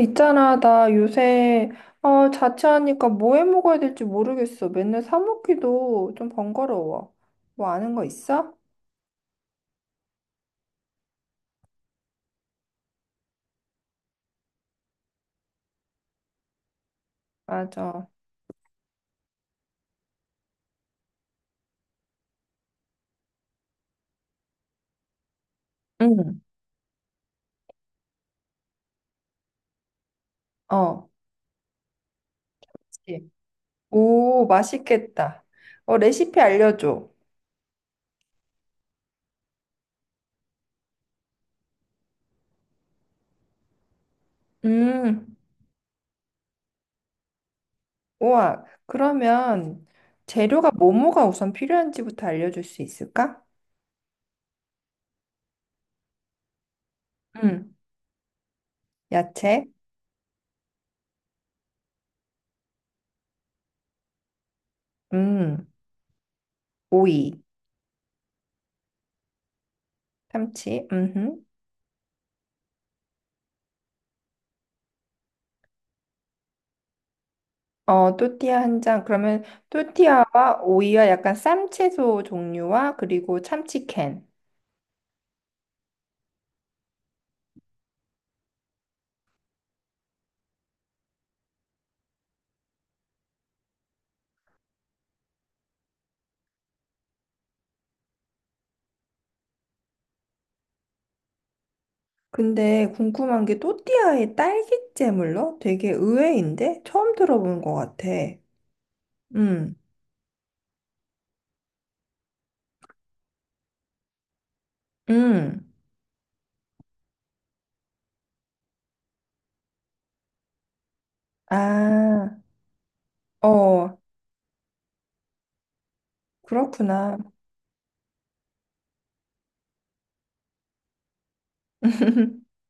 있잖아, 나 요새 자취하니까 뭐 해 먹어야 될지 모르겠어. 맨날 사 먹기도 좀 번거로워. 뭐 아는 거 있어? 맞아. 응. 어. 그치. 오, 맛있겠다. 어, 레시피 알려줘. 음. 우와. 그러면 재료가 뭐뭐가 우선 필요한지부터 알려줄 수 있을까? 응. 야채. 음. 오이. 참치. 음. 어, 또띠아 한 장. 그러면 또띠아와 오이와 약간 쌈채소 종류와 그리고 참치캔. 근데 궁금한 게 또띠아에 딸기잼을 넣어? 되게 의외인데? 처음 들어보는 것 같아. 음, 음. 아, 어, 그렇구나.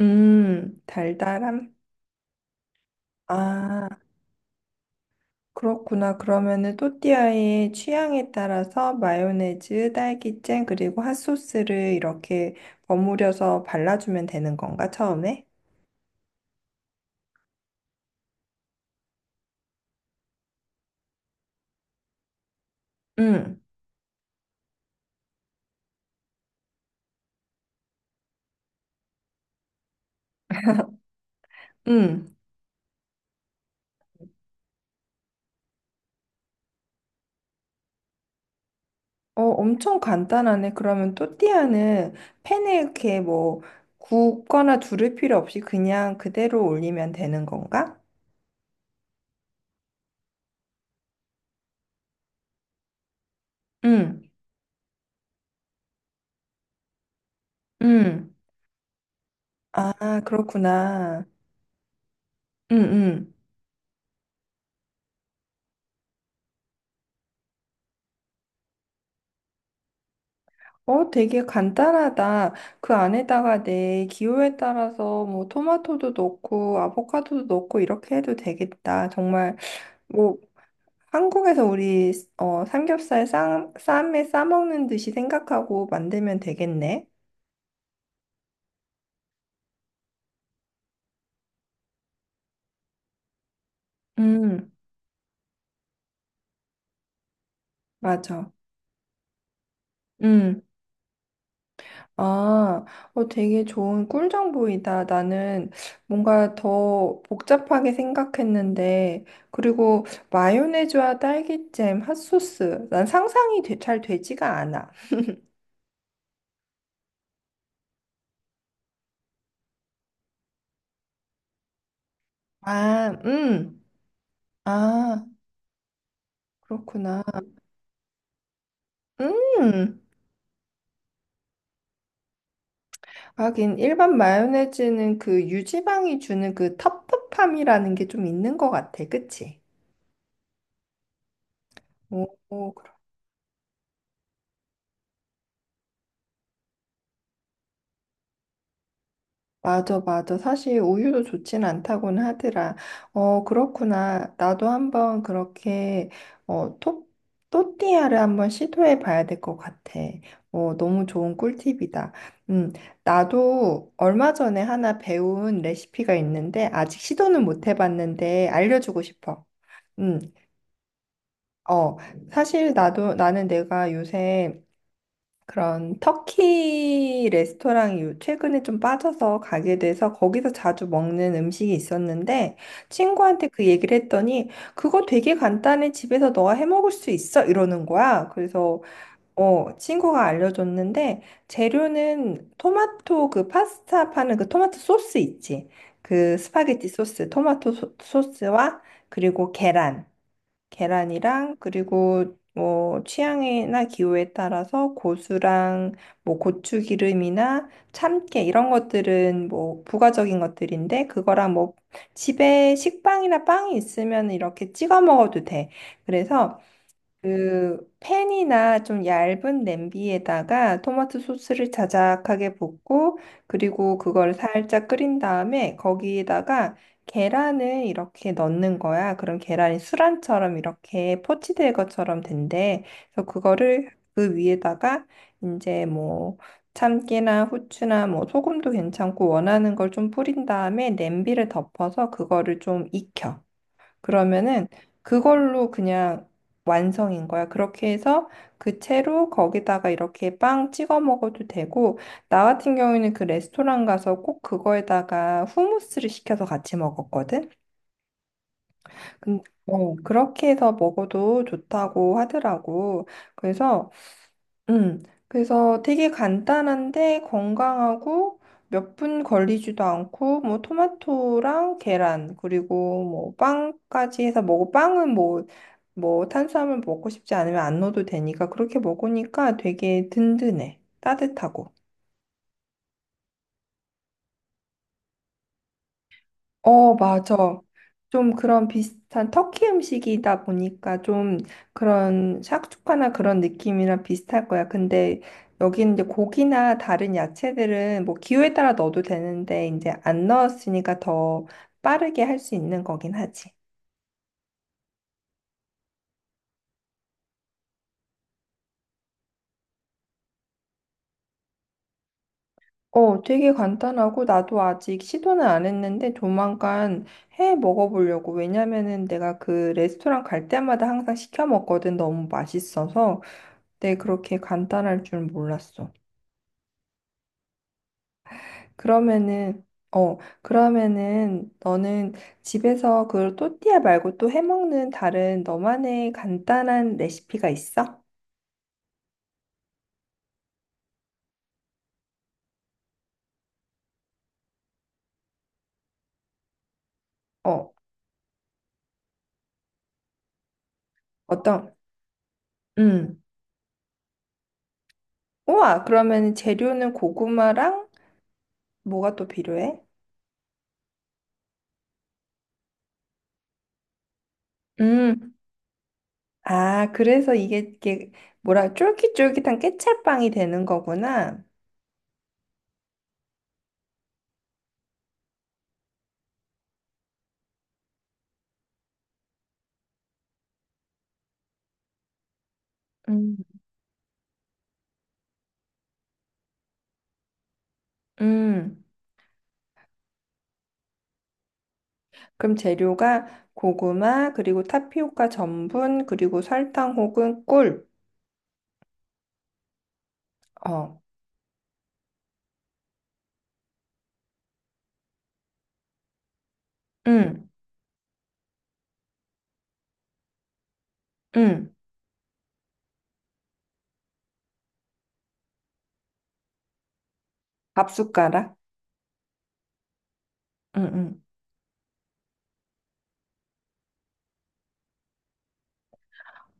달달함. 아. 그렇구나. 그러면은 또띠아의 취향에 따라서 마요네즈, 딸기잼, 그리고 핫소스를 이렇게 버무려서 발라주면 되는 건가, 처음에? 응, 응. 어, 엄청 간단하네. 그러면 또띠아는 팬에 이렇게 뭐 굽거나 두를 필요 없이 그냥 그대로 올리면 되는 건가? 응, 응. 아, 그렇구나. 응, 응. 어, 되게 간단하다. 그 안에다가 내 기호에 따라서 뭐 토마토도 넣고 아보카도도 넣고 이렇게 해도 되겠다. 정말 뭐 한국에서 우리 삼겹살 쌈에 싸먹는 듯이 생각하고 만들면 되겠네. 음, 맞아. 음. 아, 어, 되게 좋은 꿀 정보이다. 나는 뭔가 더 복잡하게 생각했는데, 그리고 마요네즈와 딸기잼, 핫소스. 난 잘 되지가 않아. 아, 아, 그렇구나. 음. 하긴, 일반 마요네즈는 그 유지방이 주는 그 텁텁함이라는 게 좀 있는 것 같아. 그치? 오, 맞아, 맞아. 사실 우유도 좋진 않다고는 하더라. 어, 그렇구나. 나도 한번 그렇게, 어, 토, 또띠아를 한번 시도해 봐야 될 것 같아. 어, 너무 좋은 꿀팁이다. 음, 나도 얼마 전에 하나 배운 레시피가 있는데, 아직 시도는 못 해봤는데, 알려주고 싶어. 음, 어, 나는 내가 요새 그런 터키 레스토랑이 최근에 좀 빠져서 가게 돼서 거기서 자주 먹는 음식이 있었는데 친구한테 그 얘기를 했더니 그거 되게 간단해 집에서 너가 해 먹을 수 있어 이러는 거야. 그래서 어 친구가 알려줬는데 재료는 토마토 그 파스타 파는 그 토마토 소스 있지. 그 스파게티 소스, 토마토 소스와 그리고 계란 계란이랑 그리고 뭐 취향이나 기호에 따라서 고수랑 뭐 고추기름이나 참깨 이런 것들은 뭐 부가적인 것들인데 그거랑 뭐 집에 식빵이나 빵이 있으면 이렇게 찍어 먹어도 돼. 그래서 그 팬이나 좀 얇은 냄비에다가 토마토 소스를 자작하게 붓고 그리고 그걸 살짝 끓인 다음에 거기에다가 계란을 이렇게 넣는 거야. 그럼 계란이 수란처럼 이렇게 포치될 것처럼 된대. 그래서 그거를 그 위에다가 이제 뭐 참깨나 후추나 뭐 소금도 괜찮고 원하는 걸 좀 뿌린 다음에 냄비를 덮어서 그거를 좀 익혀. 그러면은 그걸로 그냥 완성인 거야. 그렇게 해서 그 채로 거기다가 이렇게 빵 찍어 먹어도 되고, 나 같은 경우에는 그 레스토랑 가서 꼭 그거에다가 후무스를 시켜서 같이 먹었거든. 근 어, 그렇게 해서 먹어도 좋다고 하더라고. 그래서, 그래서 되게 간단한데 건강하고 몇 분 걸리지도 않고, 뭐, 토마토랑 계란, 그리고 뭐, 빵까지 해서 먹고, 빵은 뭐, 뭐 탄수화물 먹고 싶지 않으면 안 넣어도 되니까 그렇게 먹으니까 되게 든든해. 따뜻하고. 어, 맞아. 좀 그런 비슷한 터키 음식이다 보니까 좀 그런 샥슈카나 그런 느낌이랑 비슷할 거야. 근데 여기는 이제 고기나 다른 야채들은 뭐 기호에 따라 넣어도 되는데 이제 안 넣었으니까 더 빠르게 할 수 있는 거긴 하지. 어, 되게 간단하고 나도 아직 시도는 안 했는데 조만간 해 먹어보려고. 왜냐면은 내가 그 레스토랑 갈 때마다 항상 시켜 먹거든. 너무 맛있어서. 근데 그렇게 간단할 줄 몰랐어. 그러면은 어, 그러면은 너는 집에서 그 또띠아 말고 또 해 먹는 다른 너만의 간단한 레시피가 있어? 어, 어떤? 음. 우와, 그러면 재료는 고구마랑 뭐가 또 필요해? 음. 아, 그래서 이게, 이게 뭐라 쫄깃쫄깃한 깨찰빵이 되는 거구나. 음. 음. 그럼 재료가 고구마, 그리고 타피오카 전분, 그리고 설탕 혹은 꿀. 어. 음. 음. 밥 숟가락. 음, 음.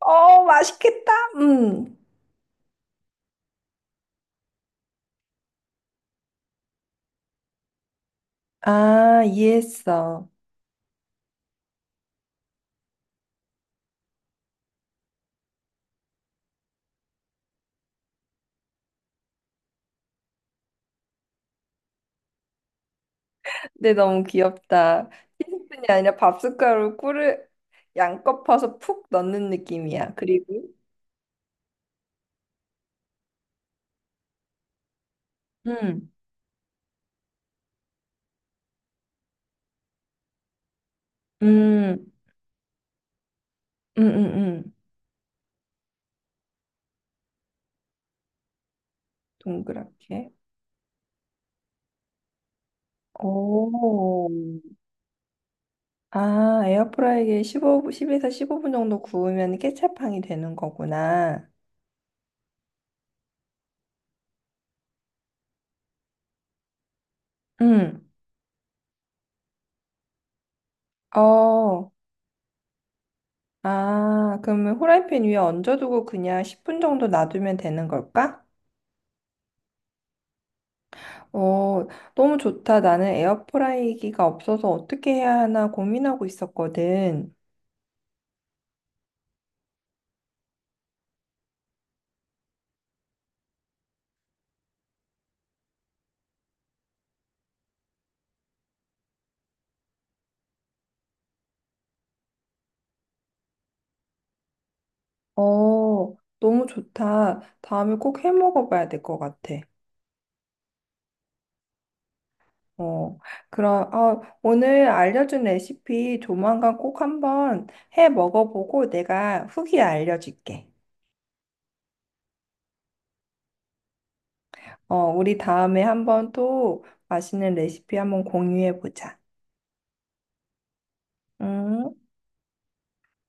어, 맛있겠다. 음. 아, 이해했어. 근데 너무 귀엽다. 티스푼이 아니라 밥 숟가락으로 꿀을 양껏 퍼서 푹 넣는 느낌이야. 그리고 음. 음. 음, 음, 음. 동그랗게. 오. 아, 에어프라이기에 15, 10에서 15분 정도 구우면 케첩향이 되는 거구나. 응. 어. 아, 그러면 후라이팬 위에 얹어두고 그냥 10분 정도 놔두면 되는 걸까? 어, 너무 좋다. 나는 에어프라이기가 없어서 어떻게 해야 하나 고민하고 있었거든. 어, 너무 좋다. 다음에 꼭 해 먹어봐야 될 것 같아. 어, 그럼, 어, 오늘 알려준 레시피 조만간 꼭 한번 해 먹어보고 내가 후기 알려줄게. 어, 우리 다음에 한번 또 맛있는 레시피 한번 공유해보자. 응?